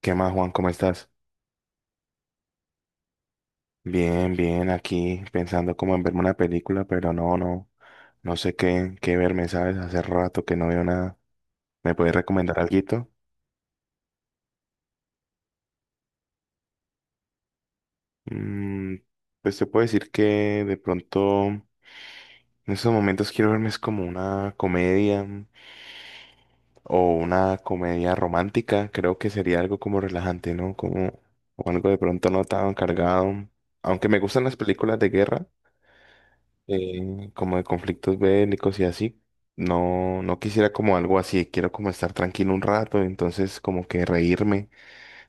¿Qué más, Juan? ¿Cómo estás? Bien, bien, aquí pensando como en verme una película, pero no sé qué, qué verme, ¿sabes? Hace rato que no veo nada. ¿Me puedes recomendar alguito? Mm, pues te puedo decir que de pronto en estos momentos quiero verme es como una comedia o una comedia romántica. Creo que sería algo como relajante, ¿no? Como o algo de pronto no tan cargado. Aunque me gustan las películas de guerra. Como de conflictos bélicos y así. No, no quisiera como algo así, quiero como estar tranquilo un rato, entonces como que reírme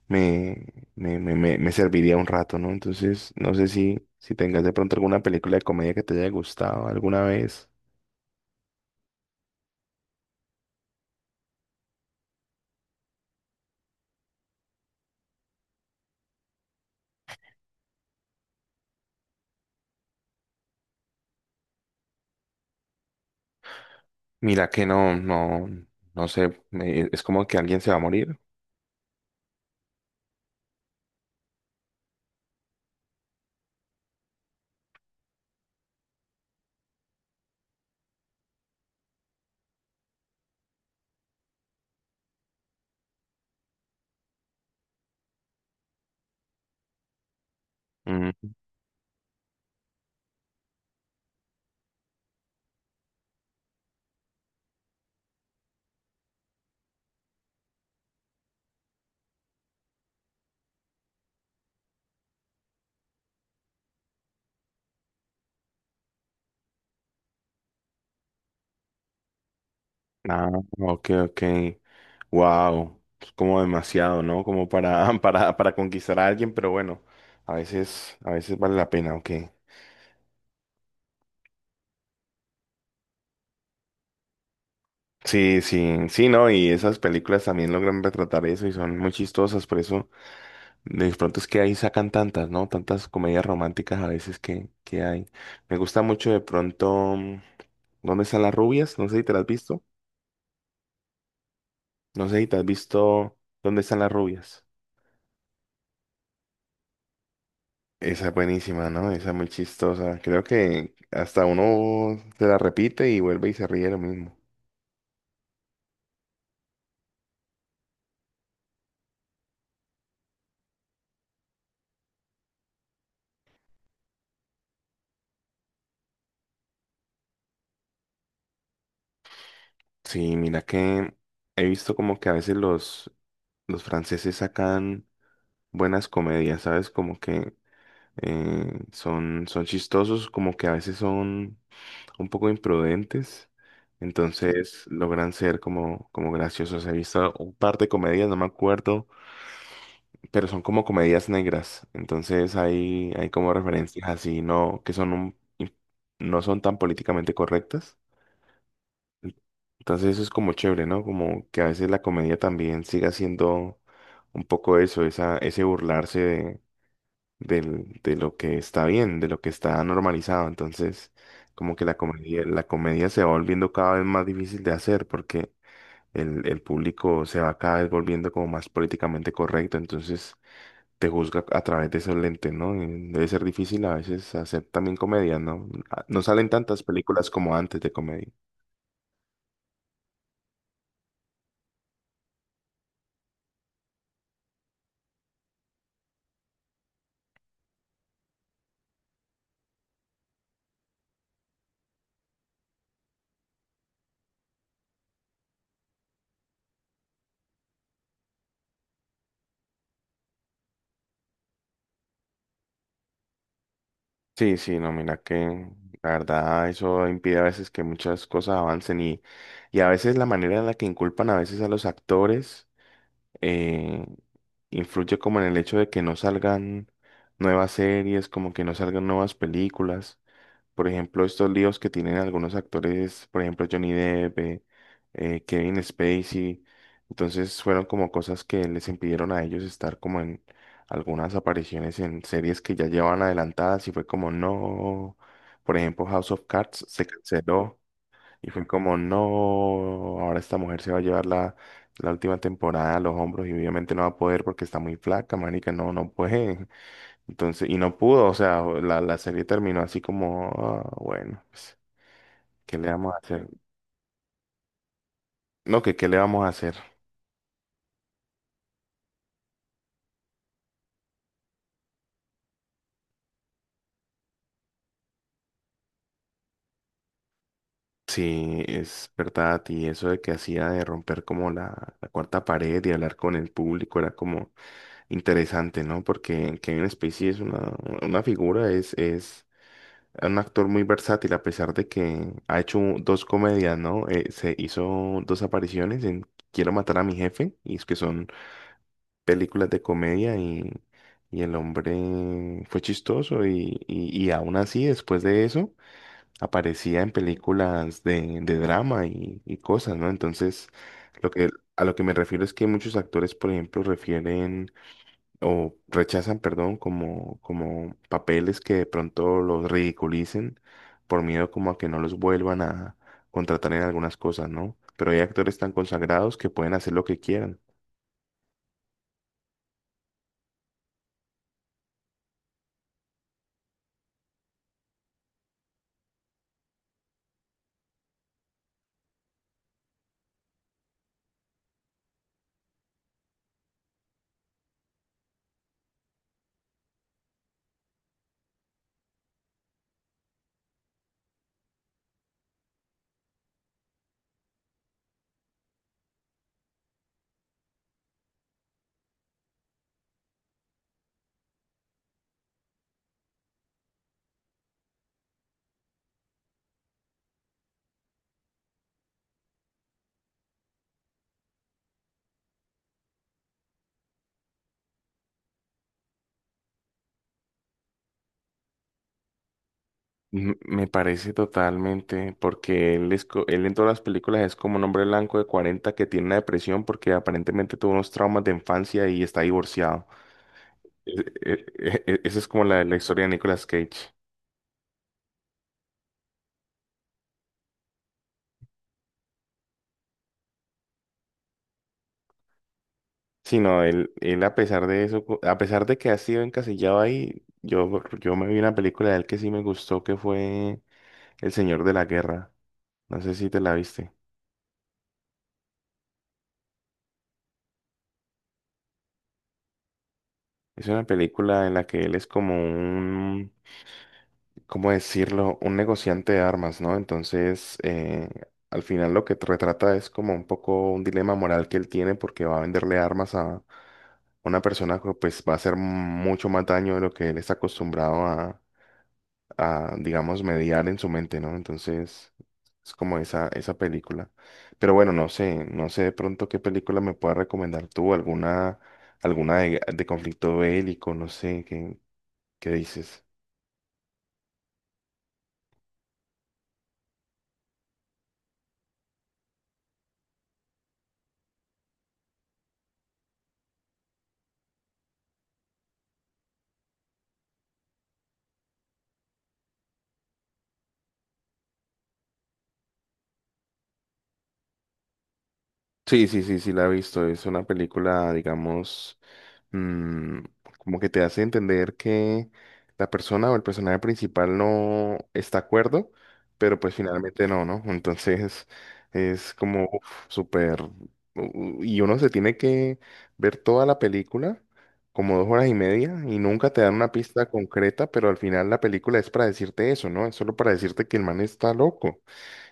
me, me serviría un rato, ¿no? Entonces, no sé si tengas de pronto alguna película de comedia que te haya gustado alguna vez. Mira que no, no sé, es como que alguien se va a morir. Mm, ah, ok, ok. Wow, como demasiado, ¿no? Como para conquistar a alguien, pero bueno, a veces vale la pena, ok. Sí, sí, sí, ¿no? Y esas películas también logran retratar eso y son muy chistosas, por eso de pronto es que ahí sacan tantas, ¿no? Tantas comedias románticas a veces que hay. Me gusta mucho de pronto, ¿Dónde están las rubias? No sé si te las has visto. No sé si te has visto ¿Dónde están las rubias? Esa es buenísima, ¿no? Esa es muy chistosa. Creo que hasta uno se la repite y vuelve y se ríe de lo mismo. Sí, mira que he visto como que a veces los franceses sacan buenas comedias, ¿sabes? Como que son chistosos, como que a veces son un poco imprudentes. Entonces logran ser como graciosos. He visto un par de comedias, no me acuerdo. Pero son como comedias negras. Entonces hay como referencias así, no, que son un, no son tan políticamente correctas. En- Entonces eso es como chévere, ¿no? Como que a veces la comedia también siga siendo un poco ese burlarse de, de lo que está bien, de lo que está normalizado. Entonces, como que la comedia se va volviendo cada vez más difícil de hacer porque el público se va cada vez volviendo como más políticamente correcto. Entonces, te juzga a través de esos lentes, ¿no? Y debe ser difícil a veces hacer también comedia, ¿no? Ah, no salen tantas películas como antes de comedia. Sí, sí, no, mira que la verdad eso impide a veces que muchas cosas avancen y a veces la manera en la que inculpan a veces a los actores eh, influye como en el hecho de que no salgan nuevas series, como que no salgan nuevas películas. Por ejemplo, estos líos que tienen algunos actores, por ejemplo, Johnny Depp, Kevin Spacey. Entonces fueron como cosas que les impidieron a ellos estar como en algunas apariciones en series que ya llevaban adelantadas y fue como no. Por ejemplo, House of Cards se canceló y fue como no. Ahora esta mujer se va a llevar la última temporada a los hombros y obviamente no va a poder porque está muy flaca, marica, no, no puede. Entonces, y no pudo, o sea, la serie terminó así como, ah, bueno, pues, ¿qué le vamos a hacer? No, que qué le vamos a hacer. Sí, es verdad, y eso de que hacía de romper como la cuarta pared y hablar con el público era como interesante, ¿no? Porque Kevin Spacey es una figura, es un actor muy versátil, a pesar de que ha hecho dos comedias, ¿no? Se hizo dos apariciones en Quiero matar a mi jefe, y es que son películas de comedia y el hombre fue chistoso y aún así después de eso aparecía en películas de drama y cosas, ¿no? Entonces, lo que, a lo que me refiero es que muchos actores, por ejemplo, refieren o rechazan, perdón, como papeles que de pronto los ridiculicen por miedo como a que no los vuelvan a contratar en algunas cosas, ¿no? Pero hay actores tan consagrados que pueden hacer lo que quieran. Me parece totalmente, porque él, él en todas las películas es como un hombre blanco de 40 que tiene una depresión porque aparentemente tuvo unos traumas de infancia y está divorciado. E- Esa es como la historia de Nicolas Cage. Sí, no, él a pesar de eso, a pesar de que ha sido encasillado ahí, yo me vi una película de él que sí me gustó, que fue El Señor de la Guerra. No sé si te la viste. Es una película en la que él es como ¿cómo decirlo? Un negociante de armas, ¿no? Entonces, al final lo que retrata es como un poco un dilema moral que él tiene porque va a venderle armas a una persona que pues va a hacer mucho más daño de lo que él está acostumbrado digamos, mediar en su mente, ¿no? Entonces, es como esa película. Pero bueno, no sé, no sé de pronto qué película me puedas recomendar tú, alguna, alguna de conflicto bélico, no sé, ¿qué, qué dices? Sí, sí, sí, sí, la he visto. Es una película, digamos, mm, como que te hace entender que la persona o el personaje principal no está de acuerdo, pero pues finalmente no, ¿no? Entonces es como uf, súper... Y uno se tiene que ver toda la película, como 2 horas y media, y nunca te dan una pista concreta, pero al final la película es para decirte eso, ¿no? Es solo para decirte que el man está loco.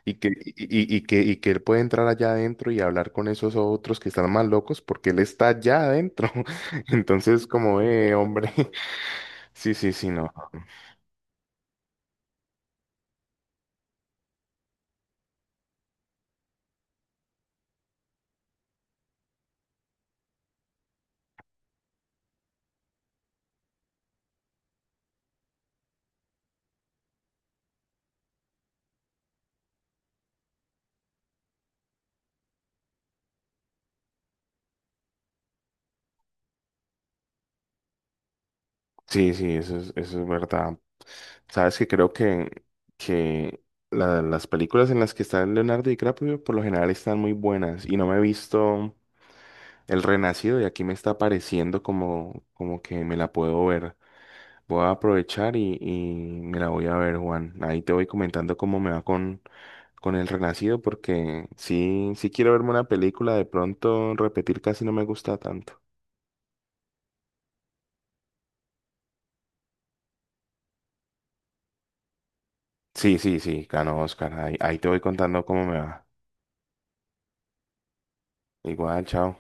Y que, que, y que él puede entrar allá adentro y hablar con esos otros que están más locos porque él está allá adentro. Entonces, como, hombre, sí, sí, sí, no. Sí, sí, eso es verdad. Sabes que creo que las películas en las que está Leonardo DiCaprio por lo general están muy buenas y no me he visto El Renacido y aquí me está pareciendo como, como que me la puedo ver. Voy a aprovechar y me la voy a ver, Juan. Ahí te voy comentando cómo me va con El Renacido, porque sí, sí quiero verme una película, de pronto repetir casi no me gusta tanto. Sí, sí, sí, ganó Oscar. Ahí, ahí te voy contando cómo me va. Igual, chao.